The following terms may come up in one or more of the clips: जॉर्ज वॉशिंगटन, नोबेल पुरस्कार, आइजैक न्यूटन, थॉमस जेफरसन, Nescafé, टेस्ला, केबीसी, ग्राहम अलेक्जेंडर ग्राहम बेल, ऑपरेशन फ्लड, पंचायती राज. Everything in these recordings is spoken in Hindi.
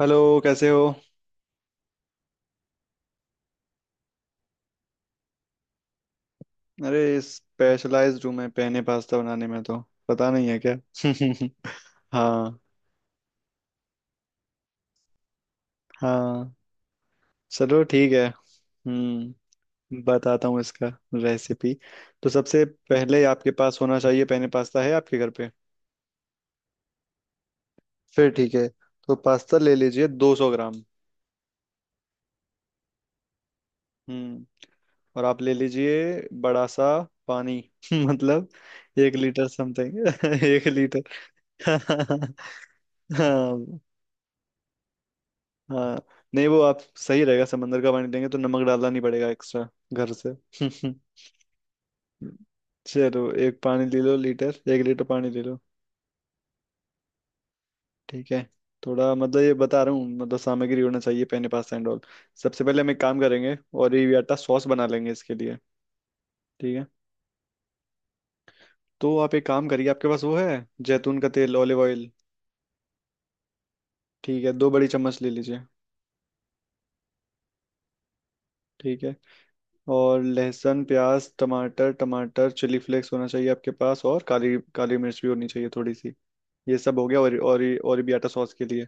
हेलो। कैसे हो। अरे स्पेशलाइज्ड हूँ मैं पेने पास्ता बनाने में तो। पता नहीं है क्या। हाँ। हाँ चलो ठीक है। हम्म। बताता हूँ इसका रेसिपी। तो सबसे पहले आपके पास होना चाहिए पेने पास्ता है आपके घर पे। फिर ठीक है। तो पास्ता ले लीजिए 200 ग्राम। हम्म। और आप ले लीजिए बड़ा सा पानी। मतलब 1 लीटर समथिंग। 1 लीटर। हाँ। हाँ नहीं वो आप सही रहेगा समंदर का पानी लेंगे तो नमक डालना नहीं पड़ेगा एक्स्ट्रा घर से। चलो एक पानी ले लो लीटर 1 लीटर पानी ले लो। ठीक है। थोड़ा मतलब ये बता रहा हूँ मतलब सामग्री होना चाहिए पेन पास्ता एंड ऑल। सबसे पहले हम एक काम करेंगे और ये आटा सॉस बना लेंगे इसके लिए। ठीक है। तो आप एक काम करिए आपके पास वो है जैतून का तेल ऑलिव ऑयल। ठीक है 2 बड़ी चम्मच ले लीजिए। ठीक है। और लहसुन प्याज टमाटर टमाटर चिली फ्लेक्स होना चाहिए आपके पास और काली काली मिर्च भी होनी चाहिए थोड़ी सी। ये सब हो गया। और ओरिबियाटा सॉस के लिए।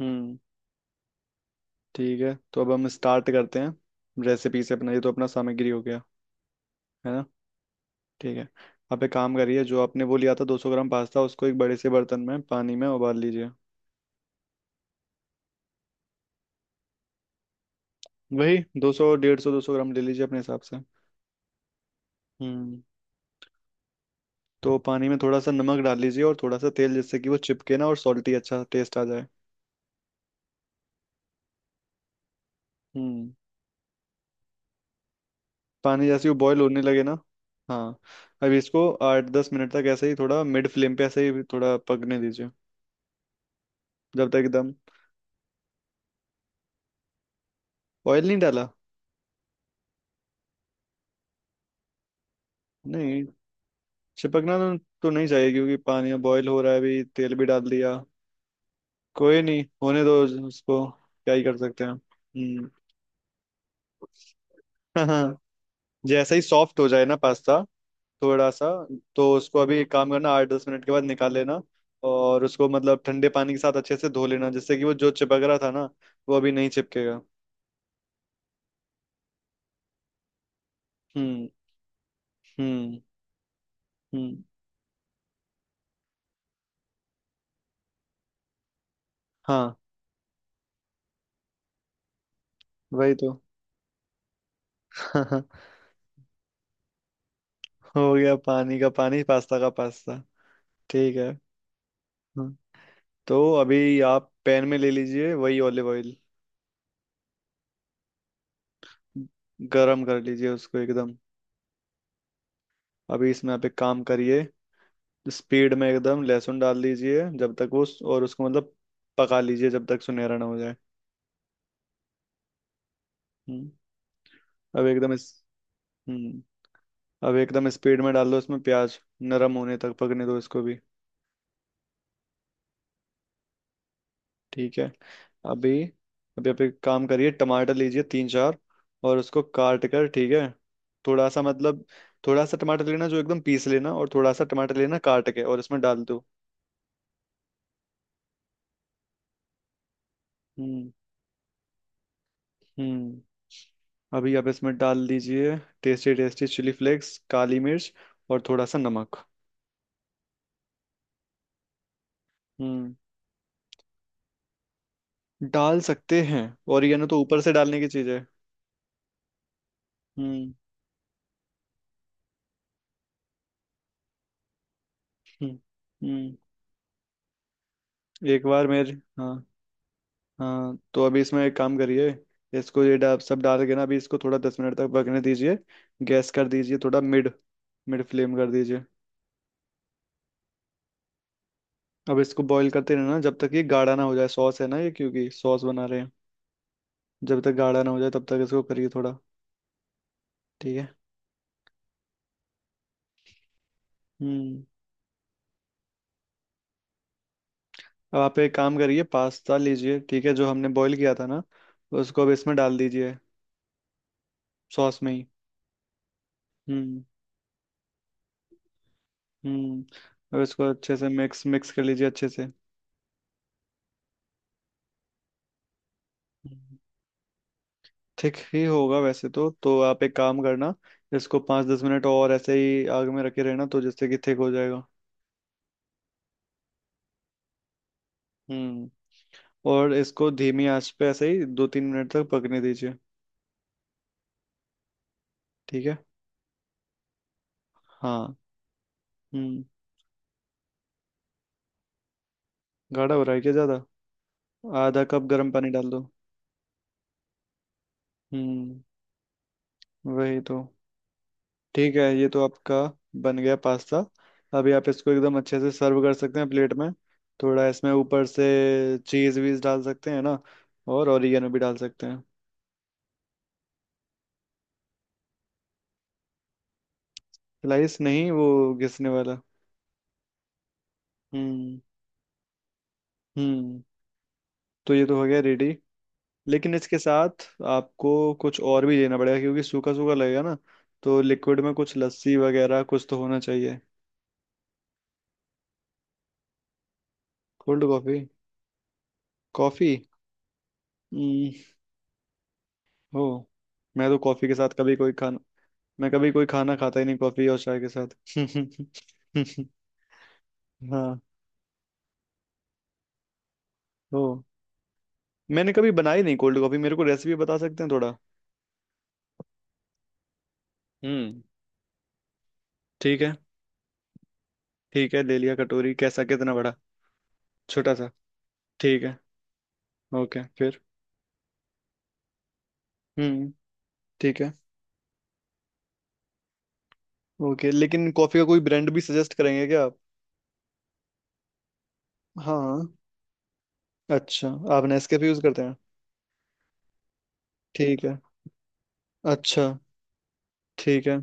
हम्म। ठीक है तो अब हम स्टार्ट करते हैं रेसिपी से अपना। ये तो अपना सामग्री हो गया है ना। ठीक है। आप एक काम करिए जो आपने वो लिया था 200 ग्राम पास्ता उसको एक बड़े से बर्तन में पानी में उबाल लीजिए। वही 200 150 200 ग्राम ले लीजिए अपने हिसाब से। हम्म। तो पानी में थोड़ा सा नमक डाल लीजिए और थोड़ा सा तेल जिससे कि वो चिपके ना और सॉल्टी अच्छा टेस्ट आ जाए। हम्म। पानी जैसे ही वो बॉयल होने लगे ना। हाँ। अब इसको 8-10 मिनट तक ऐसे ही थोड़ा मिड फ्लेम पे ऐसे ही थोड़ा पकने दीजिए। जब तक एकदम ऑयल नहीं डाला। नहीं चिपकना तो नहीं चाहिए क्योंकि पानी बॉयल हो रहा है अभी तेल भी डाल दिया। कोई नहीं होने दो। उसको क्या ही कर सकते हैं। हम्म। हाँ हाँ। जैसे ही सॉफ्ट हो जाए ना पास्ता थोड़ा सा तो उसको अभी एक काम करना 8-10 मिनट के बाद निकाल लेना और उसको मतलब ठंडे पानी के साथ अच्छे से धो लेना जिससे कि वो जो चिपक रहा था ना वो अभी नहीं चिपकेगा। हम्म। हम्म। हम्म। हाँ। वही तो। हो गया पानी का पानी पास्ता का पास्ता। ठीक है। हाँ। तो अभी आप पैन में ले लीजिए वही ऑलिव ऑयल। गरम कर लीजिए उसको एकदम। अभी इसमें आप एक काम करिए स्पीड में एकदम लहसुन डाल दीजिए जब तक उस और उसको मतलब पका लीजिए जब तक सुनहरा ना हो जाए। हम्म, अब एकदम इस हम्म अब एकदम स्पीड में डाल दो उसमें प्याज। नरम होने तक पकने दो इसको भी। ठीक है। अभी अभी आप एक काम करिए टमाटर लीजिए तीन चार। और उसको काट कर ठीक है। थोड़ा सा मतलब थोड़ा सा टमाटर लेना जो एकदम पीस लेना और थोड़ा सा टमाटर लेना काट के और इसमें डाल दो। हम्म। हम्म। अभी आप इसमें डाल दीजिए टेस्टी टेस्टी चिली फ्लेक्स काली मिर्च और थोड़ा सा नमक। हम्म। डाल सकते हैं। और ये ना तो ऊपर से डालने की चीज है। हम्म। हम्म। हम्म। एक बार मेरे। हाँ हाँ तो अभी इसमें एक काम करिए इसको सब डाल के ना अभी इसको थोड़ा 10 मिनट तक पकने दीजिए। गैस कर दीजिए थोड़ा मिड मिड फ्लेम कर दीजिए। अब इसको बॉईल करते रहना जब तक ये गाढ़ा ना हो जाए सॉस है ना ये क्योंकि सॉस बना रहे हैं। जब तक गाढ़ा ना हो जाए तब तक इसको करिए थोड़ा। ठीक है। हम्म। अब आप एक काम करिए पास्ता लीजिए ठीक है जो हमने बॉईल किया था ना उसको अब इसमें डाल दीजिए सॉस में ही। हम्म। हम्म। अब इसको अच्छे से मिक्स मिक्स कर लीजिए अच्छे से। ठीक ही होगा वैसे तो आप एक काम करना इसको 5-10 मिनट और ऐसे ही आग में रखे रहना तो जिससे कि थिक हो जाएगा। हम्म। और इसको धीमी आंच पे ऐसे ही 2-3 मिनट तक पकने दीजिए। ठीक है। हाँ। हम्म। गाढ़ा हो रहा है क्या ज़्यादा। आधा कप गर्म पानी डाल दो। हम्म। वही तो। ठीक है। ये तो आपका बन गया पास्ता। अभी आप इसको एकदम अच्छे से सर्व कर सकते हैं प्लेट में। थोड़ा इसमें ऊपर से चीज़ वीज डाल सकते हैं ना। और ओरिगेनो भी डाल सकते हैं। स्लाइस नहीं वो घिसने वाला। हम्म। हम्म। तो ये तो हो गया रेडी। लेकिन इसके साथ आपको कुछ और भी देना पड़ेगा क्योंकि सूखा सूखा लगेगा ना तो लिक्विड में कुछ लस्सी वगैरह कुछ तो होना चाहिए। Cold coffee. कॉफी। हम्म। हो। मैं तो कॉफी के साथ कभी कोई खाना मैं कभी कोई खाना खाता ही नहीं कॉफी और चाय के साथ। हाँ। हो। मैंने कभी बनाई नहीं कोल्ड कॉफी मेरे को रेसिपी बता सकते हैं थोड़ा। हम्म। ठीक है। ठीक है ले लिया कटोरी कैसा कितना बड़ा। छोटा सा। ठीक है। ओके फिर। हम्म। ठीक है। ओके लेकिन कॉफी का कोई ब्रांड भी सजेस्ट करेंगे क्या आप। हाँ अच्छा। आप नेस्कैफे यूज करते हैं। ठीक है अच्छा ठीक है।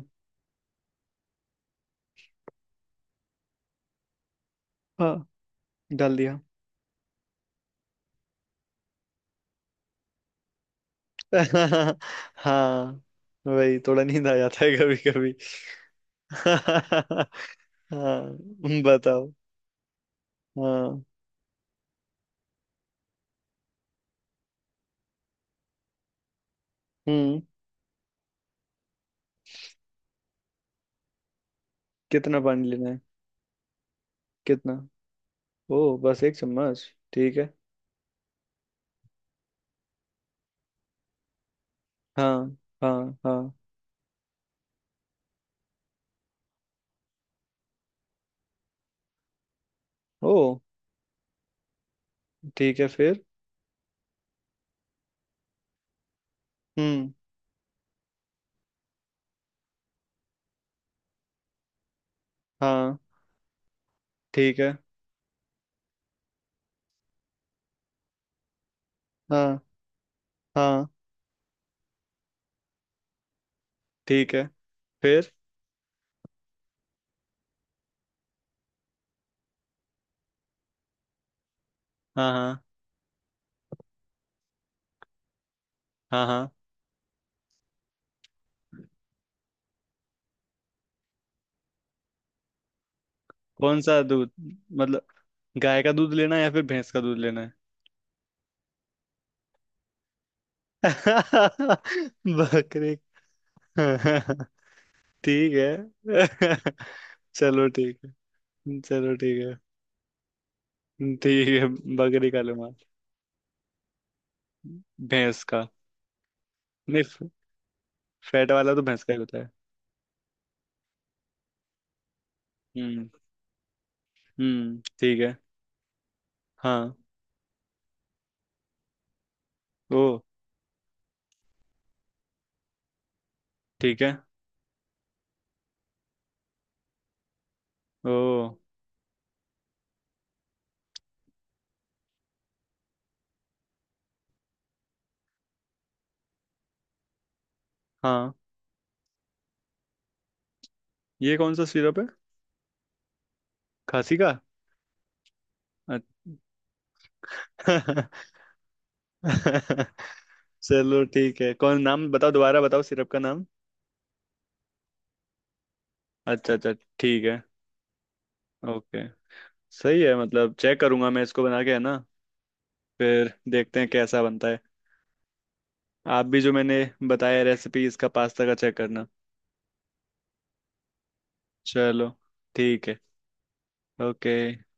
हाँ डाल दिया। हाँ वही थोड़ा नींद आ जाता है कभी कभी। हाँ बताओ हाँ। हम्म। कितना पानी लेना है कितना। ओ बस 1 चम्मच। ठीक है। हाँ हाँ। हाँ। ओ ठीक है फिर। हम्म। हाँ। ठीक है। हाँ हाँ। ठीक है फिर। हाँ हाँ हाँ हाँ। कौन सा दूध मतलब गाय का दूध लेना है या फिर भैंस का दूध लेना है। बकरे ठीक है। चलो ठीक है चलो ठीक है। ठीक है बकरी का लूंगा भैंस का। नहीं फैट वाला तो भैंस का ही होता है। हम्म। हम्म। ठीक है। हाँ। ओ। ठीक है। ओ। हाँ ये कौन सा सिरप है। खांसी का अच्छा। चलो ठीक है कौन नाम बताओ दोबारा बताओ सिरप का नाम। अच्छा अच्छा। ठीक है। ओके। सही है मतलब चेक करूंगा मैं इसको बना के है ना। फिर देखते हैं कैसा बनता है। आप भी जो मैंने बताया रेसिपी इसका पास्ता का चेक करना। चलो ठीक है। ओके।